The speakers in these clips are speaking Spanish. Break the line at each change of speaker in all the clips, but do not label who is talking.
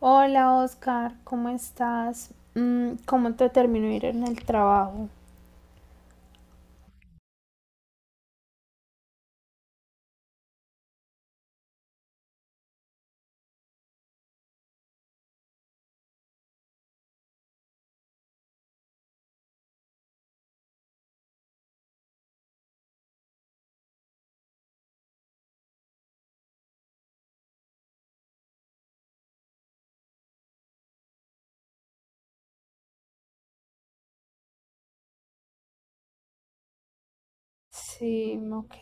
Hola Oscar, ¿cómo estás? ¿Cómo te terminó de ir en el trabajo? Sí, ok.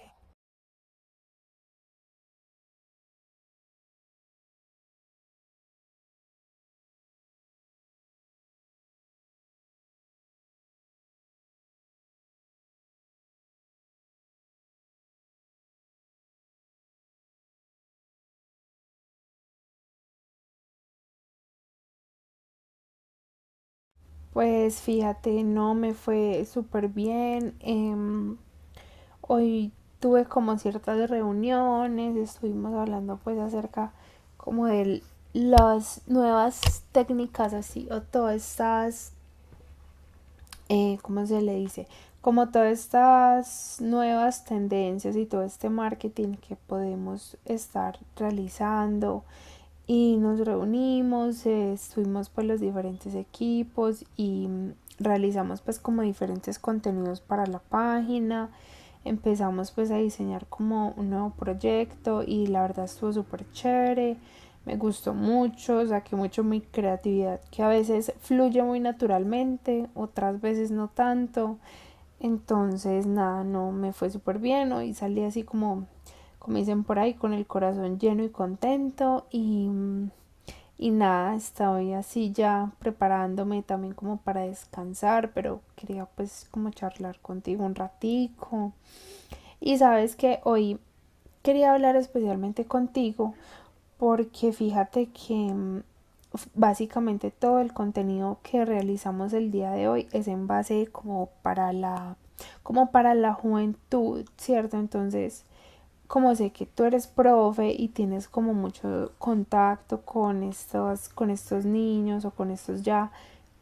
Pues fíjate, no me fue súper bien. Hoy tuve como ciertas reuniones, estuvimos hablando pues acerca como de las nuevas técnicas así o todas estas ¿cómo se le dice? Como todas estas nuevas tendencias y todo este marketing que podemos estar realizando y nos reunimos, estuvimos por los diferentes equipos y realizamos pues como diferentes contenidos para la página. Empezamos pues a diseñar como un nuevo proyecto y la verdad estuvo súper chévere. Me gustó mucho, saqué mucho mi creatividad que a veces fluye muy naturalmente, otras veces no tanto. Entonces, nada, no me fue súper bien. ¿No? Y salí así como, como dicen por ahí, con el corazón lleno y contento. Y nada, estoy así ya preparándome también como para descansar, pero quería pues como charlar contigo un ratico. Y sabes que hoy quería hablar especialmente contigo porque fíjate que básicamente todo el contenido que realizamos el día de hoy es en base como para la juventud, ¿cierto? Entonces, como sé que tú eres profe y tienes como mucho contacto con estos niños o con estos ya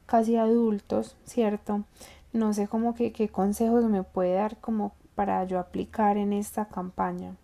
casi adultos, ¿cierto? No sé como que qué consejos me puede dar como para yo aplicar en esta campaña.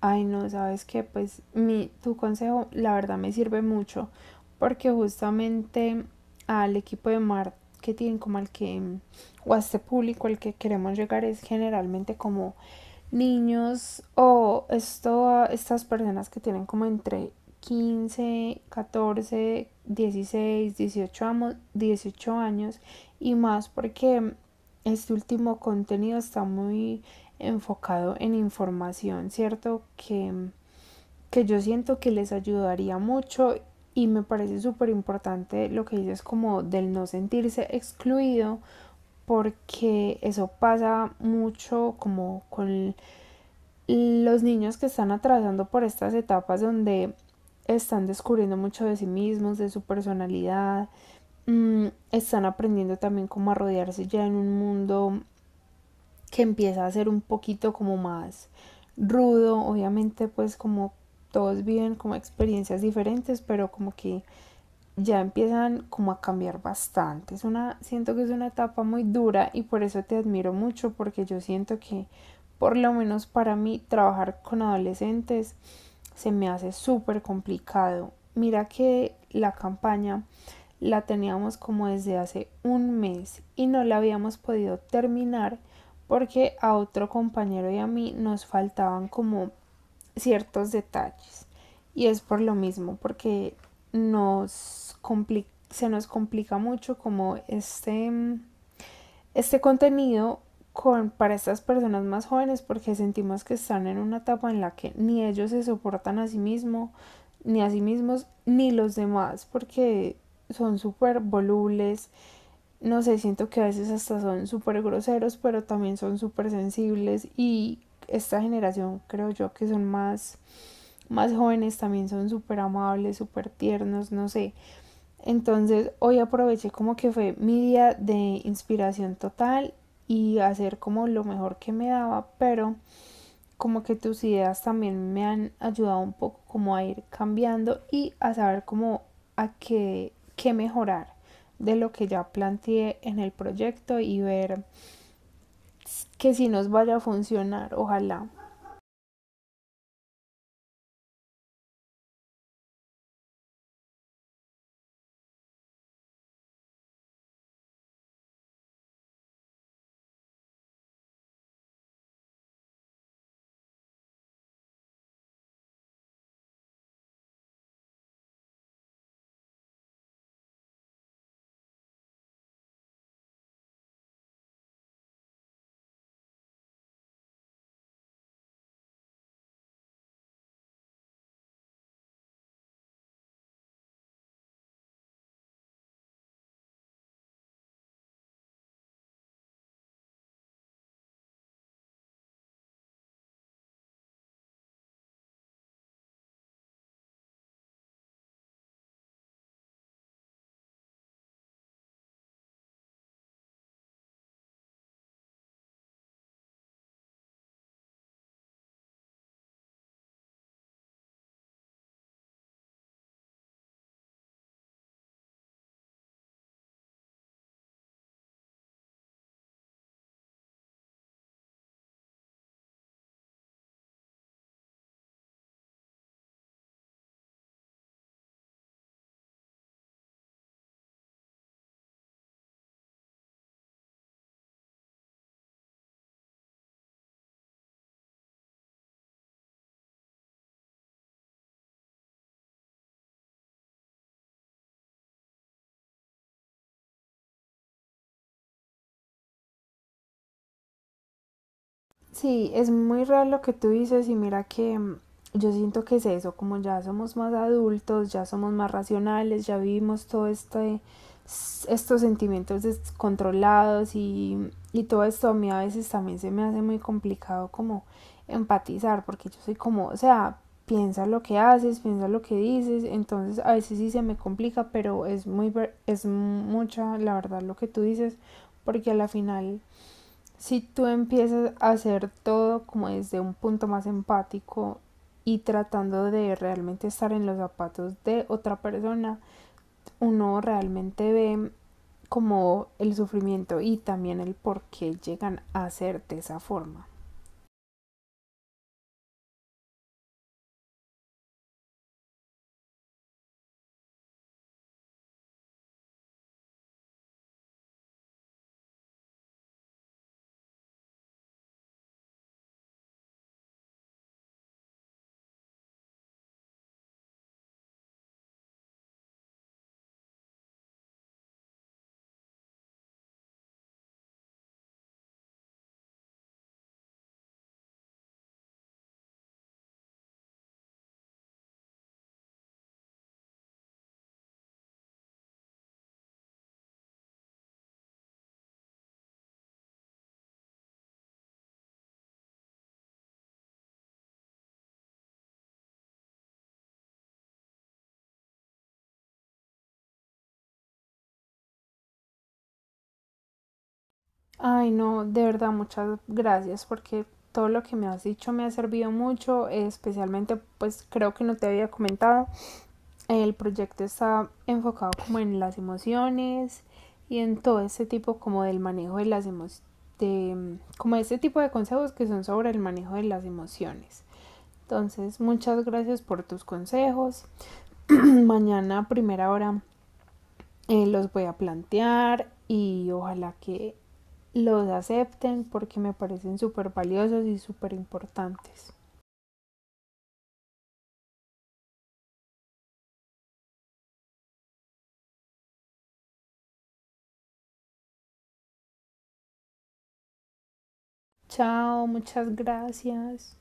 Ay, no, sabes que pues tu consejo la verdad me sirve mucho porque justamente al equipo de marketing como al que, o a este público al que queremos llegar es generalmente como niños o esto, estas personas que tienen como entre 15 14 16 18 años y más porque este último contenido está muy enfocado en información, ¿cierto? Que yo siento que les ayudaría mucho y me parece súper importante lo que dices como del no sentirse excluido porque eso pasa mucho como con los niños que están atravesando por estas etapas donde están descubriendo mucho de sí mismos, de su personalidad, están aprendiendo también cómo a rodearse ya en un mundo que empieza a ser un poquito como más rudo, obviamente pues como todos viven como experiencias diferentes, pero como que ya empiezan como a cambiar bastante. Siento que es una etapa muy dura y por eso te admiro mucho porque yo siento que por lo menos para mí trabajar con adolescentes se me hace súper complicado. Mira que la campaña la teníamos como desde hace un mes y no la habíamos podido terminar porque a otro compañero y a mí nos faltaban como ciertos detalles. Y es por lo mismo, porque nos complica se nos complica mucho como este, este contenido con, para estas personas más jóvenes porque sentimos que están en una etapa en la que ni ellos se soportan a sí mismos, ni a sí mismos, ni los demás, porque son súper volubles, no sé, siento que a veces hasta son súper groseros, pero también son súper sensibles y esta generación creo yo que son más más jóvenes también son súper amables, súper tiernos, no sé. Entonces hoy aproveché como que fue mi día de inspiración total y hacer como lo mejor que me daba, pero como que tus ideas también me han ayudado un poco como a ir cambiando y a saber como a qué, qué mejorar de lo que ya planteé en el proyecto y ver que si nos vaya a funcionar, ojalá. Sí, es muy real lo que tú dices y mira que yo siento que es eso, como ya somos más adultos, ya somos más racionales, ya vivimos todo este, estos sentimientos descontrolados y todo esto a mí a veces también se me hace muy complicado como empatizar, porque yo soy como, o sea, piensa lo que haces, piensa lo que dices, entonces a veces sí se me complica, pero es muy, es mucha la verdad lo que tú dices, porque a la final si tú empiezas a hacer todo como desde un punto más empático y tratando de realmente estar en los zapatos de otra persona, uno realmente ve como el sufrimiento y también el por qué llegan a ser de esa forma. Ay, no, de verdad, muchas gracias porque todo lo que me has dicho me ha servido mucho, especialmente pues creo que no te había comentado el proyecto está enfocado como en las emociones y en todo este tipo como del manejo de las emociones, de, como este tipo de consejos que son sobre el manejo de las emociones. Entonces, muchas gracias por tus consejos. Mañana a primera hora los voy a plantear y ojalá que los acepten porque me parecen súper valiosos y súper importantes. Chao, muchas gracias.